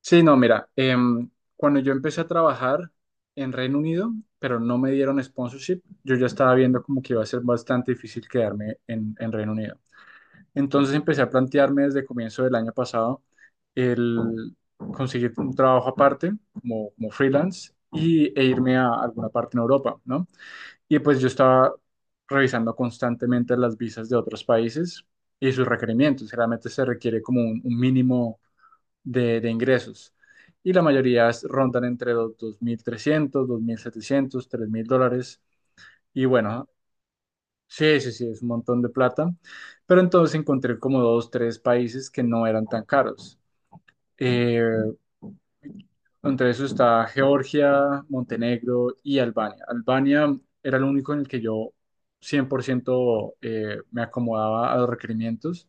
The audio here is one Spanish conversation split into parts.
Sí, no, mira, cuando yo empecé a trabajar en Reino Unido, pero no me dieron sponsorship. Yo ya estaba viendo como que iba a ser bastante difícil quedarme en Reino Unido. Entonces empecé a plantearme desde comienzo del año pasado el conseguir un trabajo aparte como freelance e irme a alguna parte en Europa, ¿no? Y pues yo estaba revisando constantemente las visas de otros países y sus requerimientos. Generalmente se requiere como un mínimo de ingresos, y la mayoría rondan entre los 2.300, 2.700, 3.000 dólares. Y bueno, sí, sí, sí, es un montón de plata. Pero entonces encontré como dos, tres países que no eran tan caros. Eh, entre eso está Georgia, Montenegro y Albania. Albania era el único en el que yo 100% me acomodaba a los requerimientos.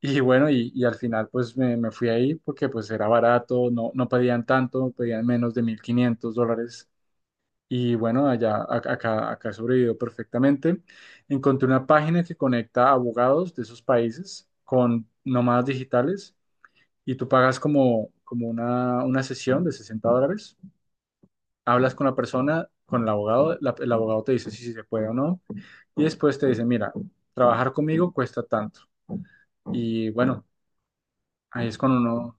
Y bueno, y al final pues me fui ahí porque pues era barato, no, no pedían tanto, pedían menos de 1.500 dólares. Y bueno, allá, acá, acá sobrevivió perfectamente. Encontré una página que conecta abogados de esos países con nómadas digitales, y tú pagas como una sesión de 60 dólares. Hablas con la persona, con el abogado. El abogado te dice si, si se puede o no. Y después te dice, mira, trabajar conmigo cuesta tanto. Y bueno, ahí es cuando uno...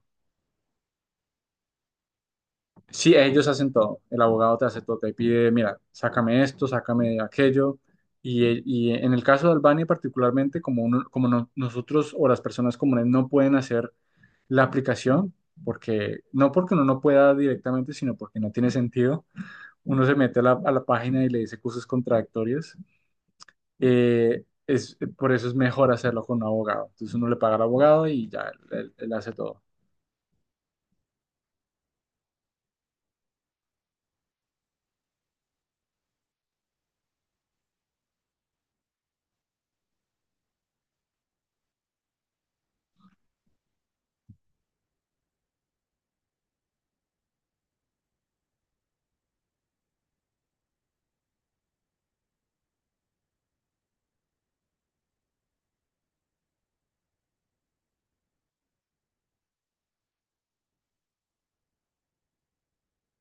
Sí, ellos hacen todo. El abogado te hace todo. Te pide, mira, sácame esto, sácame aquello. Y en el caso de Albania particularmente, como, como nosotros o las personas comunes no pueden hacer la aplicación, porque no porque uno no pueda directamente, sino porque no tiene sentido. Uno se mete a a la página y le dice cosas contradictorias. Es, por eso es mejor hacerlo con un abogado. Entonces uno le paga al abogado y ya, él hace todo.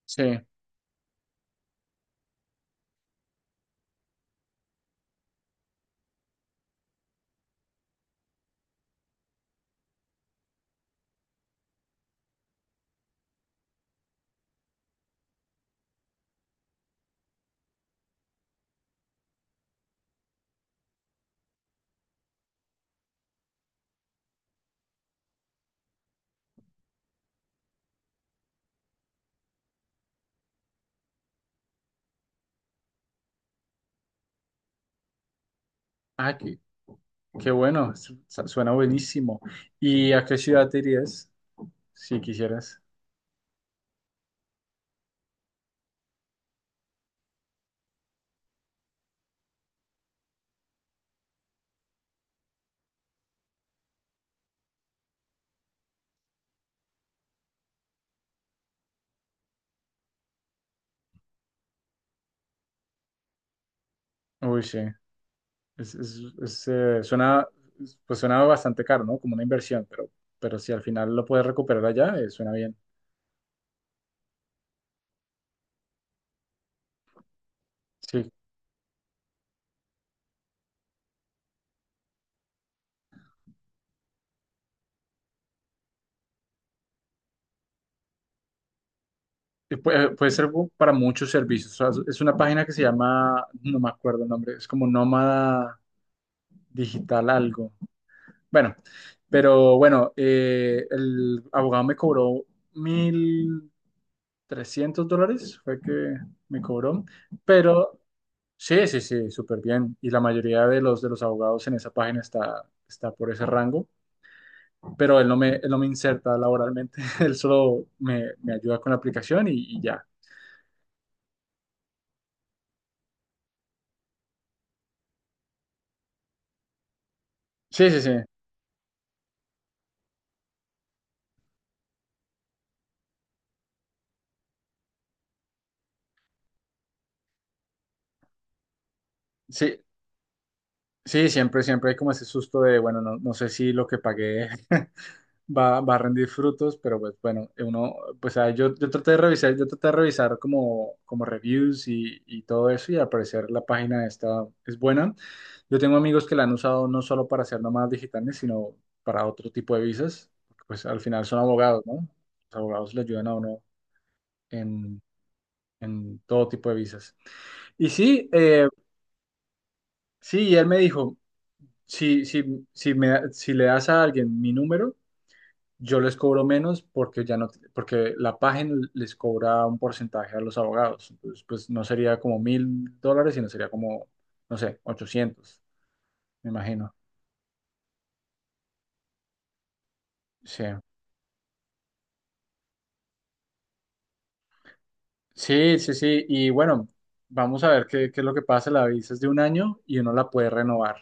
Sí. Ah, qué bueno, suena buenísimo. ¿Y a qué ciudad te irías si quisieras? Uy, sí, es, es, suena, pues suena bastante caro, ¿no? Como una inversión, pero si al final lo puedes recuperar allá, suena bien. Sí, y puede, puede ser para muchos servicios. O sea, es una página que se llama, no me acuerdo el nombre, es como Nómada Digital algo. Bueno, pero bueno, el abogado me cobró mil trescientos dólares fue que me cobró, pero sí, sí, sí, súper bien. Y la mayoría de de los abogados en esa página está por ese rango, pero él no me inserta laboralmente, él solo me ayuda con la aplicación y ya. Sí, sí, sí, sí, sí, siempre, siempre hay como ese susto de, bueno, no, no sé si lo que pagué va, va a rendir frutos, pero pues bueno, uno, pues yo, yo traté de revisar, yo traté de revisar como reviews y todo eso, y al parecer la página esta es buena. Yo tengo amigos que la han usado no solo para hacer nómadas digitales, sino para otro tipo de visas, porque pues al final son abogados, ¿no? Los abogados le ayudan a uno en, en todo tipo de visas. Y sí, eh, sí, y él me dijo, si, si, si le das a alguien mi número, yo les cobro menos porque ya no, porque la página les cobra un porcentaje a los abogados. Entonces, pues no sería como 1.000 dólares, sino sería como, no sé, 800 me imagino. Sí, sí, sí, sí. Y bueno, vamos a ver qué, qué es lo que pasa. La visa es de un año y uno la puede renovar.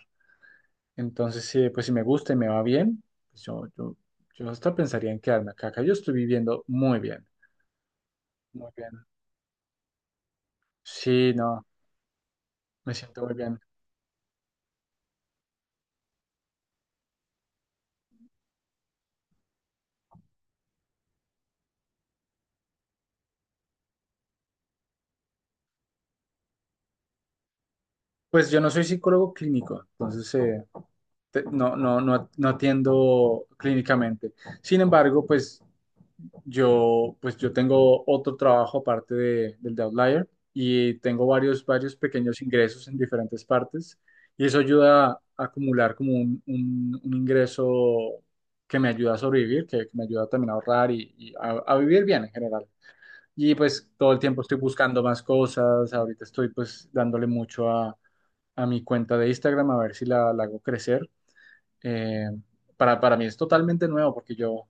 Entonces, sí, pues si me gusta y me va bien, pues yo hasta pensaría en quedarme acá. Acá yo estoy viviendo muy bien, muy bien. Sí, no, me siento muy bien. Pues yo no soy psicólogo clínico, entonces no, no, no, no atiendo clínicamente. Sin embargo, pues yo tengo otro trabajo aparte del de Outlier, y tengo varios, varios pequeños ingresos en diferentes partes, y eso ayuda a acumular como un, un ingreso que me ayuda a sobrevivir, que me ayuda también a ahorrar y a vivir bien en general. Y pues todo el tiempo estoy buscando más cosas. Ahorita estoy pues dándole mucho a mi cuenta de Instagram a ver si la hago crecer. eh, para mí es totalmente nuevo porque yo,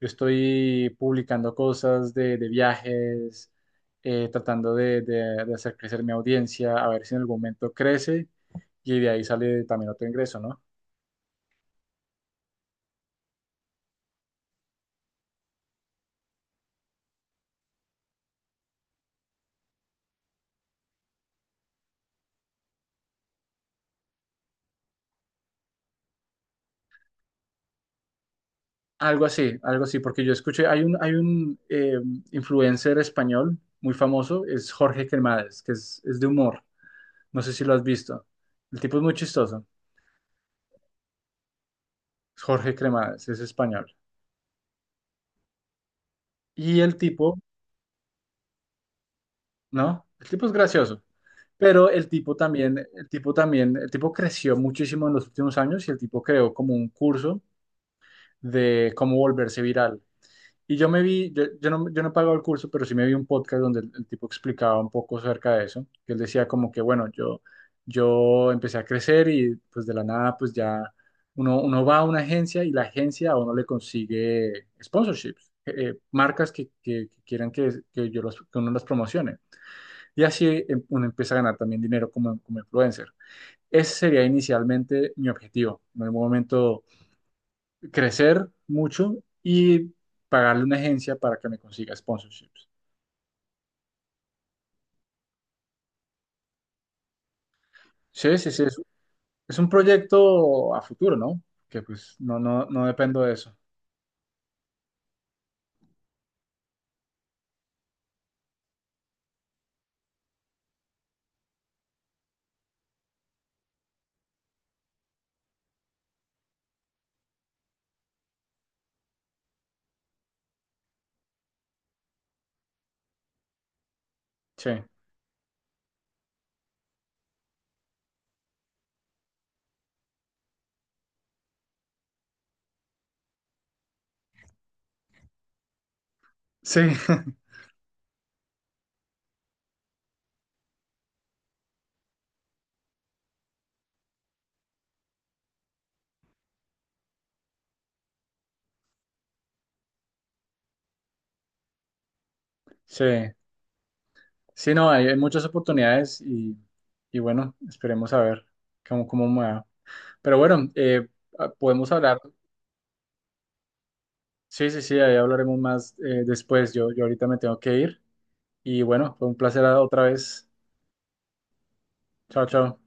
yo estoy publicando cosas de viajes, tratando de, de hacer crecer mi audiencia, a ver si en algún momento crece y de ahí sale también otro ingreso, ¿no? Algo así, porque yo escuché, hay un influencer español muy famoso, es Jorge Cremades, que es de humor, no sé si lo has visto. El tipo es muy chistoso. Jorge Cremades, es español. Y el tipo, ¿no? El tipo es gracioso. Pero el tipo también, el tipo también, el tipo creció muchísimo en los últimos años, y el tipo creó como un curso de cómo volverse viral. Y yo me vi, yo no, yo no he pagado el curso, pero sí me vi un podcast donde el tipo explicaba un poco acerca de eso. Que él decía como que, bueno, yo empecé a crecer y pues de la nada, pues ya uno, uno va a una agencia y la agencia a uno le consigue sponsorships. Marcas que, que quieran que yo los, que uno las promocione, y así uno empieza a ganar también dinero como, como influencer. Ese sería inicialmente mi objetivo, en algún momento crecer mucho y pagarle una agencia para que me consiga sponsorships. Sí, sí, sí, es un proyecto a futuro, ¿no? Que pues no, no, no dependo de eso. Sí, sí, sí, sí, no, hay muchas oportunidades y bueno, esperemos a ver cómo, cómo me va. Pero bueno, podemos hablar... Sí, sí, sí, ahí hablaremos más después. Yo ahorita me tengo que ir. Y bueno, fue un placer otra vez. Chao, chao.